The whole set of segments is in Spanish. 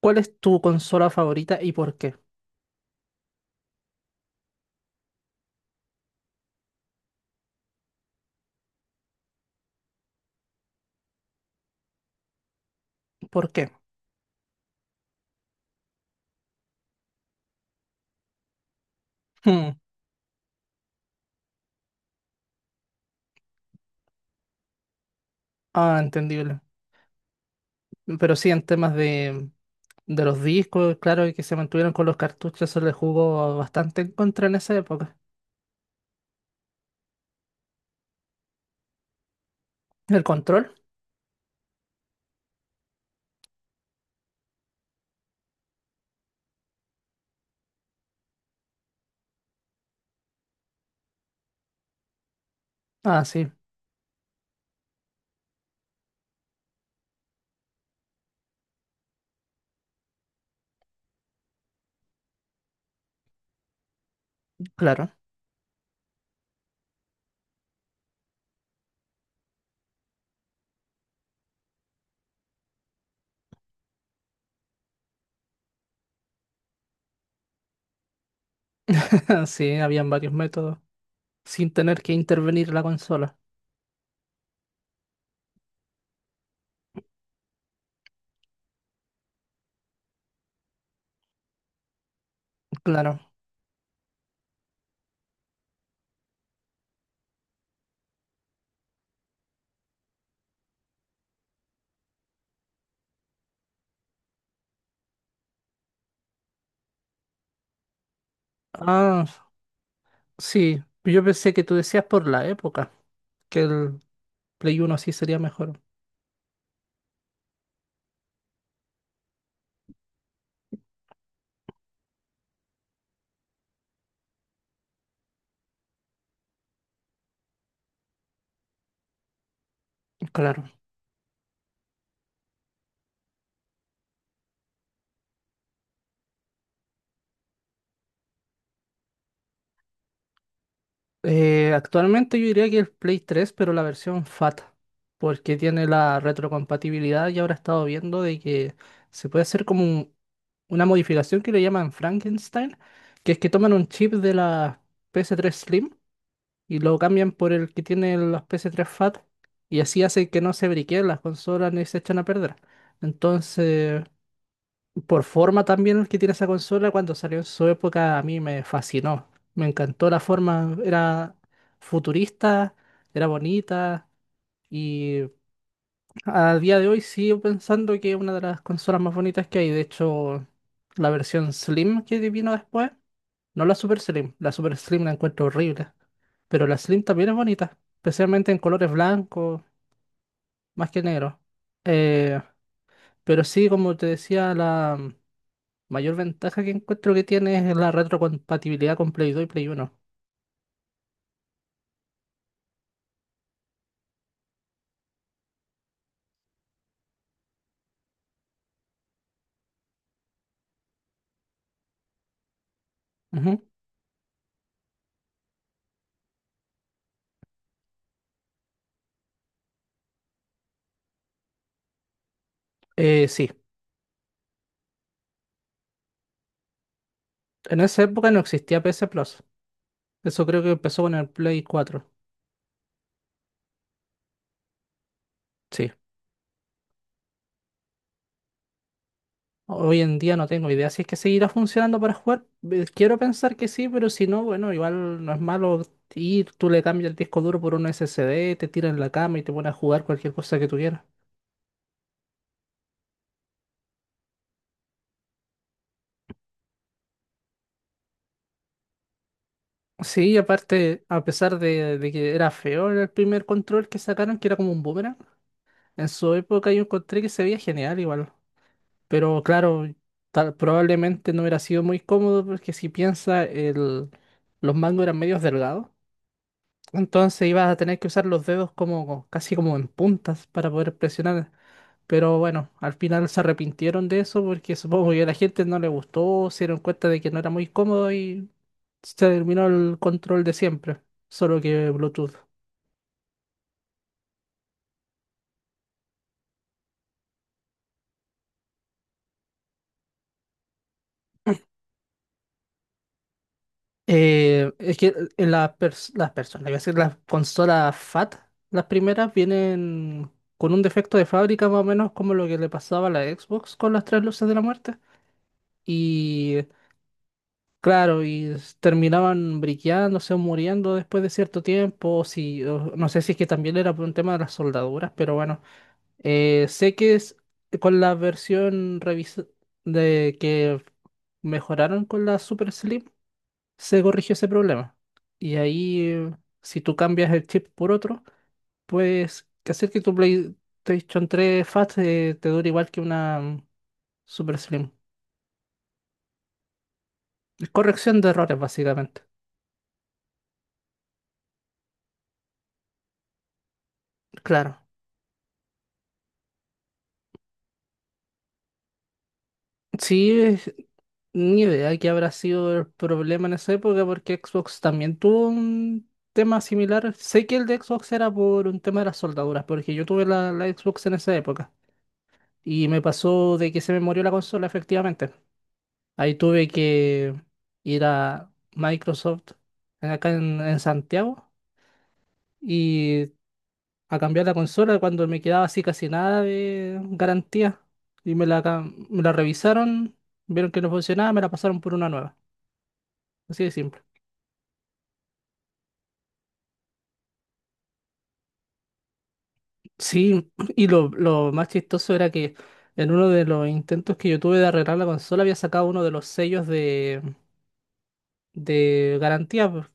¿Cuál es tu consola favorita y por qué? ¿Por qué? Hmm. Ah, entendible. Pero sí, en temas de los discos, claro, y que se mantuvieron con los cartuchos, se le jugó bastante en contra en esa época. ¿El control? Ah, sí, claro. Sí, habían varios métodos sin tener que intervenir la consola. Claro. Ah, sí. Yo pensé que tú decías por la época, que el Play Uno sí sería mejor. Claro. Actualmente yo diría que el Play 3, pero la versión FAT, porque tiene la retrocompatibilidad y ahora he estado viendo de que se puede hacer como una modificación que le llaman Frankenstein, que es que toman un chip de la ps tres Slim y lo cambian por el que tiene las ps tres FAT y así hace que no se briqueen las consolas ni se echan a perder. Entonces, por forma también que tiene esa consola, cuando salió en su época a mí me fascinó. Me encantó la forma, era futurista, era bonita y a día de hoy sigo pensando que es una de las consolas más bonitas que hay. De hecho, la versión Slim que vino después, no la Super Slim, la Super Slim la encuentro horrible, pero la Slim también es bonita, especialmente en colores blancos, más que negro. Eh, pero sí, como te decía. Mayor ventaja que encuentro que tiene es la retrocompatibilidad con Play 2 y Play 1. Ujú. Sí, en esa época no existía PS Plus. Eso creo que empezó con el Play 4. Sí. Hoy en día no tengo idea si es que seguirá funcionando para jugar. Quiero pensar que sí, pero si no, bueno, igual no es malo ir, tú le cambias el disco duro por un SSD, te tiras en la cama y te pones a jugar cualquier cosa que tú quieras. Sí, y aparte, a pesar de que era feo el primer control que sacaron, que era como un boomerang, en su época yo encontré que se veía genial igual. Pero claro, probablemente no hubiera sido muy cómodo porque si piensa, los mangos eran medios delgados. Entonces ibas a tener que usar los dedos como casi como en puntas para poder presionar. Pero bueno, al final se arrepintieron de eso porque supongo que a la gente no le gustó, se dieron cuenta de que no era muy cómodo y se terminó el control de siempre, solo que Bluetooth. Es que en las las personas, iba a decir, las consolas FAT, las primeras vienen con un defecto de fábrica más o menos como lo que le pasaba a la Xbox con las tres luces de la muerte. Y claro, terminaban briqueándose o muriendo después de cierto tiempo, o si, o no sé si es que también era por un tema de las soldaduras, pero bueno, sé que es con la versión de que mejoraron con la Super Slim se corrigió ese problema. Y ahí, si tú cambias el chip por otro, puedes hacer que tu PlayStation 3 Fat te dure igual que una Super Slim. Corrección de errores, básicamente. Claro. Sí, ni idea que habrá sido el problema en esa época porque Xbox también tuvo un tema similar. Sé que el de Xbox era por un tema de las soldaduras, porque yo tuve la Xbox en esa época y me pasó de que se me murió la consola efectivamente. Ahí tuve que ir a Microsoft, acá en Santiago, y a cambiar la consola cuando me quedaba así casi nada de garantía. Y me la revisaron, vieron que no funcionaba, me la pasaron por una nueva. Así de simple. Sí, y lo más chistoso era que en uno de los intentos que yo tuve de arreglar la consola había sacado uno de los sellos de garantía, pues.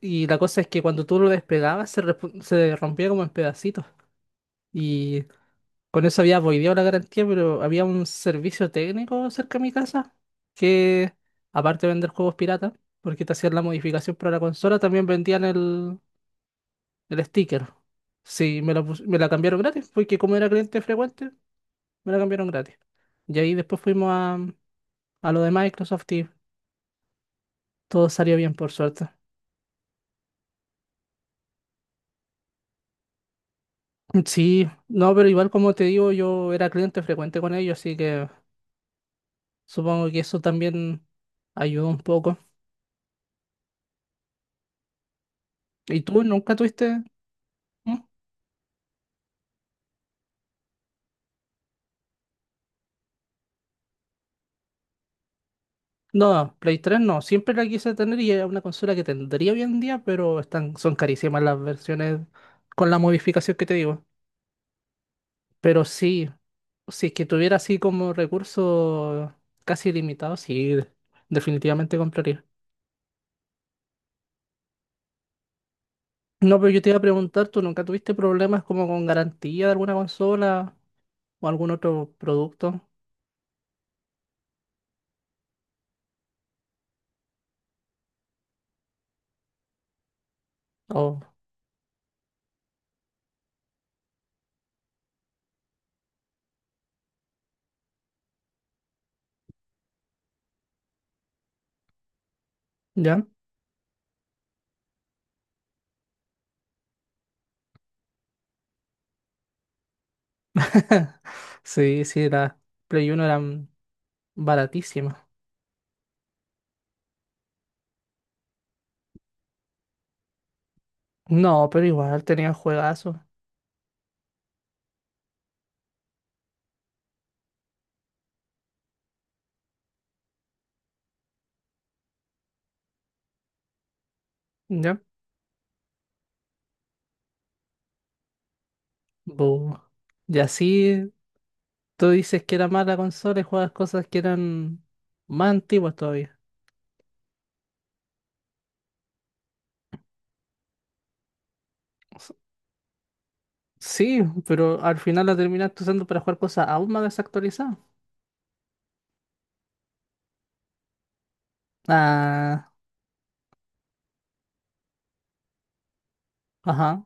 Y la cosa es que cuando tú lo despegabas se rompía como en pedacitos. Y con eso había voideado la garantía, pero había un servicio técnico cerca de mi casa que, aparte de vender juegos pirata, porque te hacían la modificación para la consola, también vendían el sticker. Sí, me la cambiaron gratis, porque como era cliente frecuente, me la cambiaron gratis. Y ahí después fuimos a lo de Microsoft y todo salió bien, por suerte. Mm. Sí, no, pero igual como te digo, yo era cliente frecuente con ellos, así que supongo que eso también ayudó un poco. ¿Y tú nunca tuviste? ¿Mm? No, Play 3 no, siempre la quise tener y era una consola que tendría hoy en día, pero están, son carísimas las versiones con la modificación que te digo. Pero sí, si es que tuviera así como recursos casi ilimitados, sí, definitivamente compraría. No, pero yo te iba a preguntar, ¿tú nunca tuviste problemas como con garantía de alguna consola o algún otro producto? ¿O ya? Sí, sí, las Play Uno eran baratísimas. No, pero igual tenían juegazos. ¿Ya? Bu. Y así tú dices que era mala consola y juegas cosas que eran más antiguas todavía. S- Sí, pero al final la terminaste usando para jugar cosas aún más desactualizadas. Ah, ajá,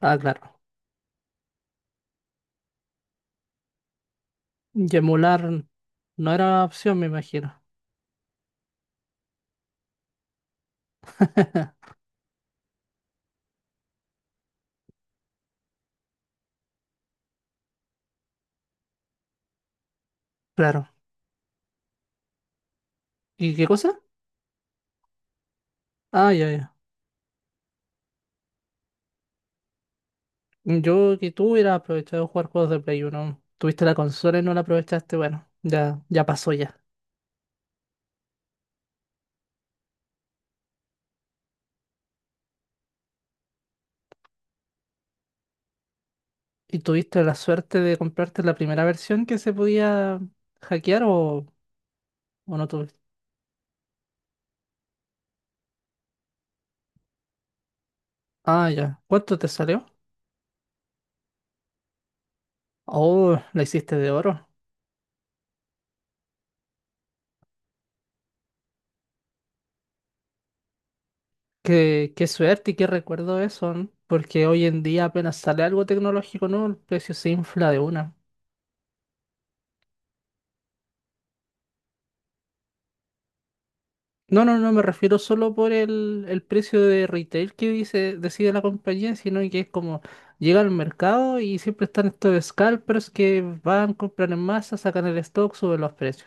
ah, claro. Y emular no era opción, me imagino. Claro. ¿Y qué cosa? Ah, ya, ya. Yo que tú hubieras aprovechado de jugar juegos de Play uno. Tuviste la consola y no la aprovechaste. Bueno, ya, ya pasó ya. ¿Y tuviste la suerte de comprarte la primera versión que se podía hackear o no tuviste? Ah, ya. ¿Cuánto te salió? Oh, la hiciste de oro. Qué suerte y qué recuerdo eso, ¿no? Porque hoy en día apenas sale algo tecnológico nuevo, el precio se infla de una. No, no, no me refiero solo por el precio de retail que dice, decide la compañía, sino que es como llega al mercado y siempre están estos scalpers que van, compran en masa, sacan el stock, suben los precios.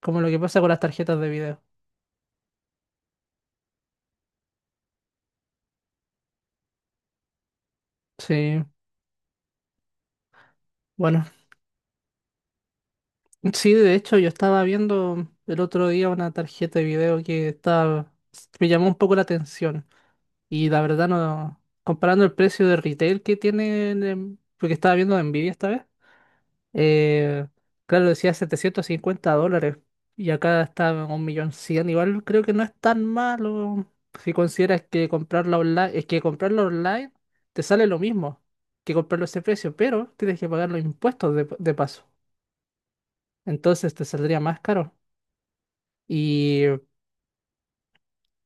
Como lo que pasa con las tarjetas de video. Sí, bueno, sí, de hecho yo estaba viendo el otro día una tarjeta de video que estaba, me llamó un poco la atención y la verdad no, comparando el precio de retail que tiene, porque estaba viendo Nvidia esta vez, eh, claro, decía 750 dólares y acá está en 1.100.000, igual creo que no es tan malo si consideras que comprarla online, es que comprarlo online te sale lo mismo que comprarlo a ese precio, pero tienes que pagar los impuestos de paso. Entonces te saldría más caro. Y,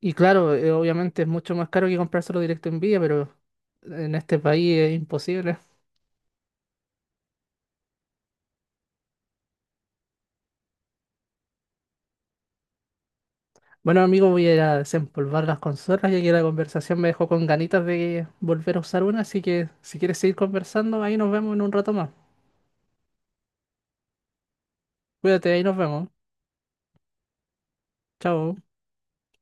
y claro, obviamente es mucho más caro que comprárselo directo en Villa, pero en este país es imposible. Bueno, amigo, voy a ir a desempolvar las consolas, ya que la conversación me dejó con ganitas de volver a usar una, así que si quieres seguir conversando, ahí nos vemos en un rato más. Cuídate, ahí nos vemos. Chao.